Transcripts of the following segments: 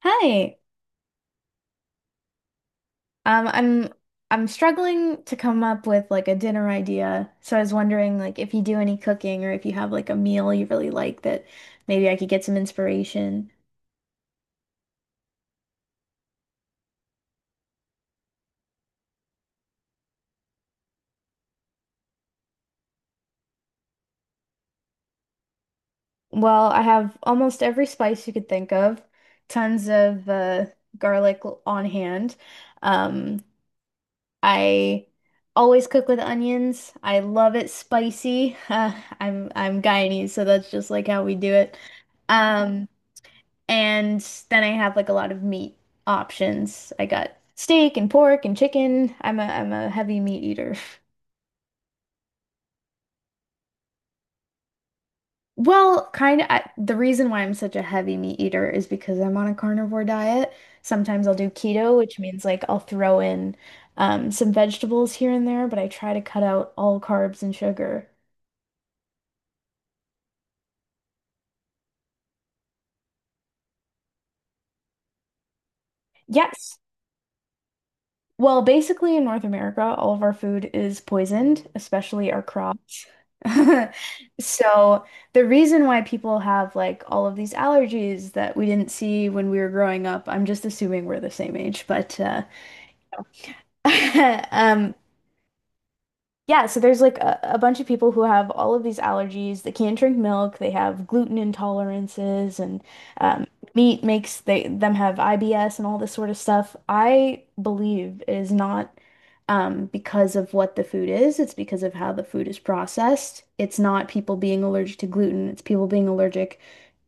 Hi. Um, I'm I'm struggling to come up with like a dinner idea. So I was wondering like if you do any cooking or if you have like a meal you really like that maybe I could get some inspiration. Well, I have almost every spice you could think of, tons of garlic on hand. Um, I always cook with onions. I love it spicy. I'm Guyanese, so that's just like how we do it. Um, And then I have like a lot of meat options. I got steak and pork and chicken. I'm a heavy meat eater. Well, kind of, I, the reason why I'm such a heavy meat eater is because I'm on a carnivore diet. Sometimes I'll do keto, which means like I'll throw in some vegetables here and there, but I try to cut out all carbs and sugar. Yes. Well, basically in North America, all of our food is poisoned, especially our crops. So the reason why people have like all of these allergies that we didn't see when we were growing up, I'm just assuming we're the same age, but um, yeah, so there's like a bunch of people who have all of these allergies. They can't drink milk. They have gluten intolerances, and um, meat makes they them have IBS and all this sort of stuff. I believe it is not, because of what the food is. It's because of how the food is processed. It's not people being allergic to gluten. It's people being allergic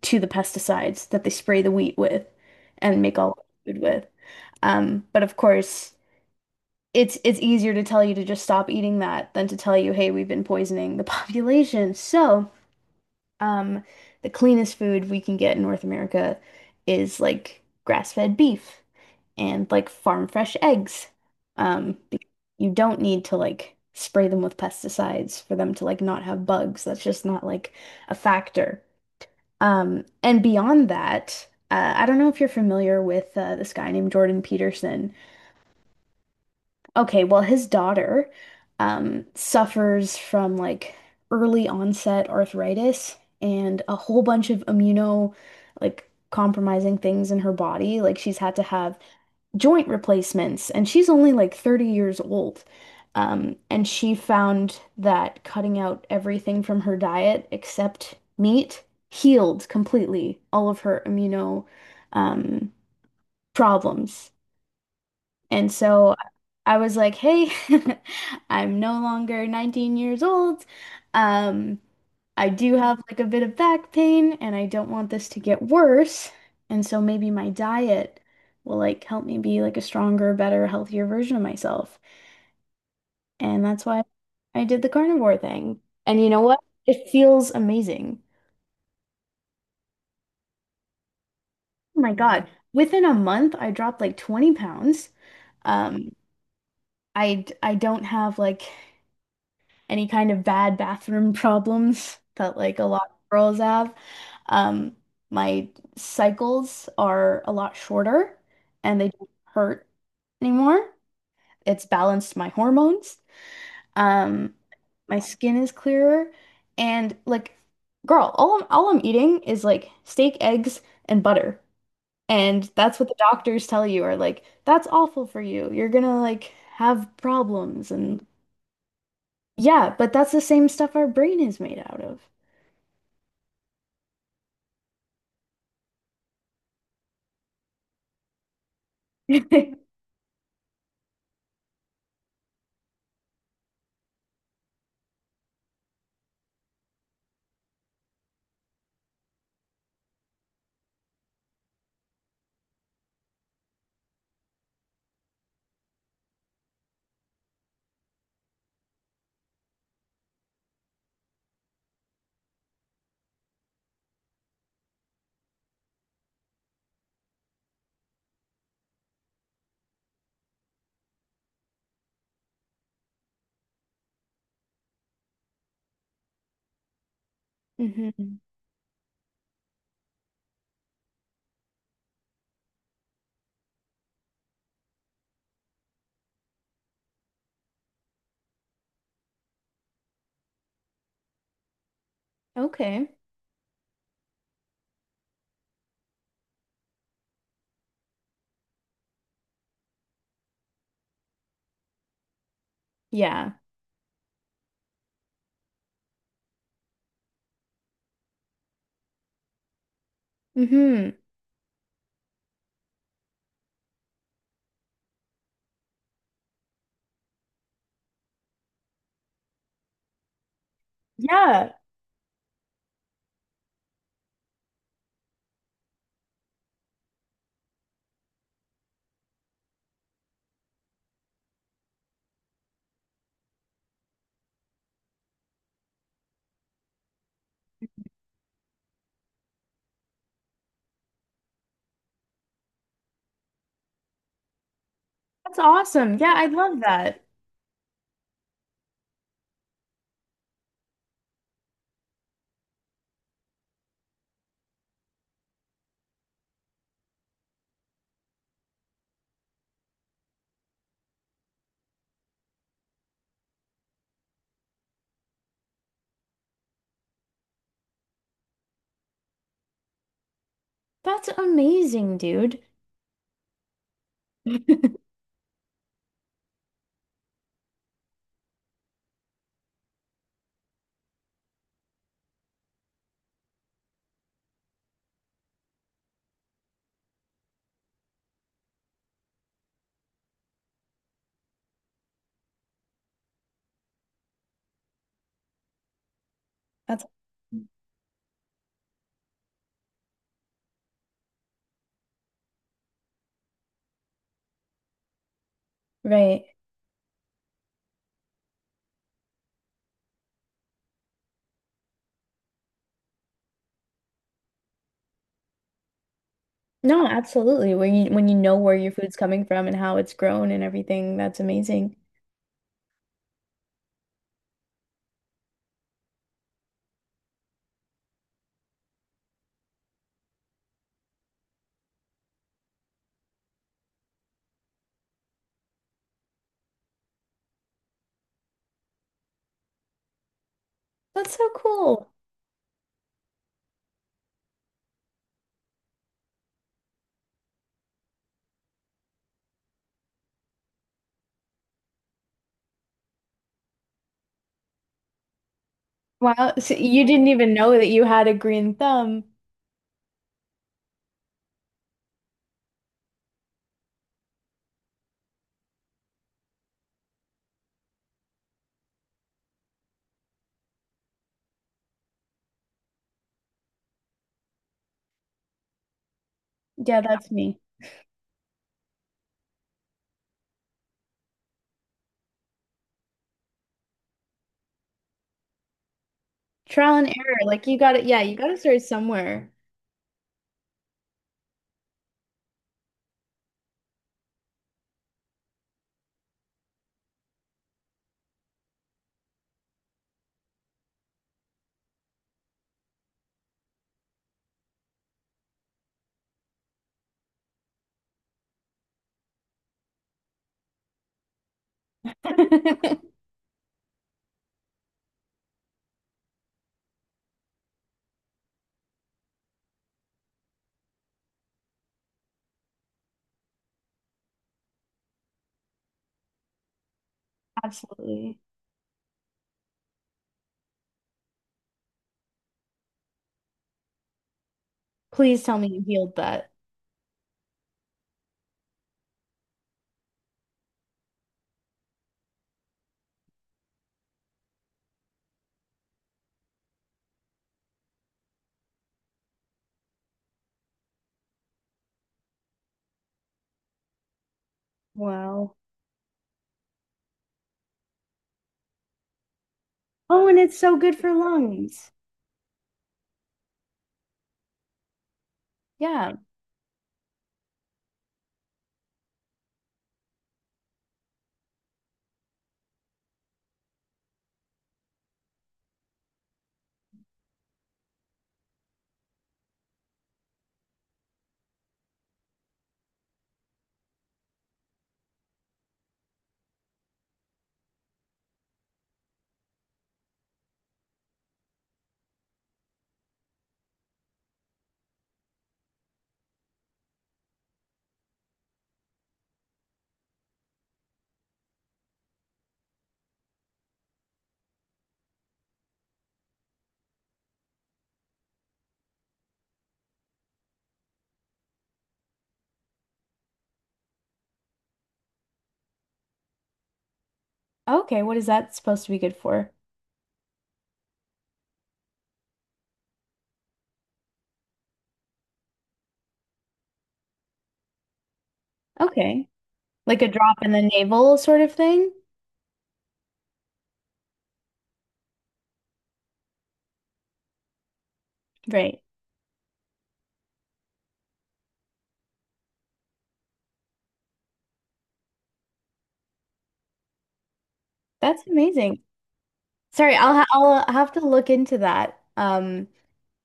to the pesticides that they spray the wheat with and make all the food with. But of course it's easier to tell you to just stop eating that than to tell you, hey, we've been poisoning the population. So, um, the cleanest food we can get in North America is like grass-fed beef and like farm fresh eggs. Um, be- you don't need to like spray them with pesticides for them to like not have bugs. That's just not like a factor. And beyond that, I don't know if you're familiar with this guy named Jordan Peterson. Okay, well, his daughter, suffers from like early onset arthritis and a whole bunch of immuno like compromising things in her body. Like she's had to have joint replacements, and she's only like 30 years old. And she found that cutting out everything from her diet except meat healed completely all of her immuno, um, problems. And so I was like, hey, I'm no longer 19 years old. Um, I do have like a bit of back pain and I don't want this to get worse. And so maybe my diet will like help me be like a stronger, better, healthier version of myself. And that's why I did the carnivore thing. And you know what? It feels amazing. Oh my God. Within a month, I dropped like 20 pounds. Um, I don't have like any kind of bad bathroom problems that like a lot of girls have. Um, my cycles are a lot shorter and they don't hurt anymore. It's balanced my hormones. Um, my skin is clearer and like girl, all I'm eating is like steak, eggs, and butter. And that's what the doctors tell you are like, that's awful for you. You're gonna like have problems and yeah, but that's the same stuff our brain is made out of. Hmm. Okay. Yeah. Hmm. Yeah. That's awesome. Yeah, I love that. That's amazing, dude. That's right. No, absolutely. When you know where your food's coming from and how it's grown and everything, that's amazing. That's so cool. Wow. So you didn't even know that you had a green thumb. Yeah, that's me. Trial and error. Like you got it. Yeah, you got to start somewhere. Absolutely. Please tell me you healed that. Wow. Oh, and it's so good for lungs. Yeah. Okay, what is that supposed to be good for? Okay. Like a drop in the navel sort of thing? Right. That's amazing. Sorry, I'll have to look into that.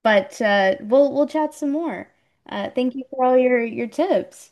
But we'll chat some more. Thank you for all your tips.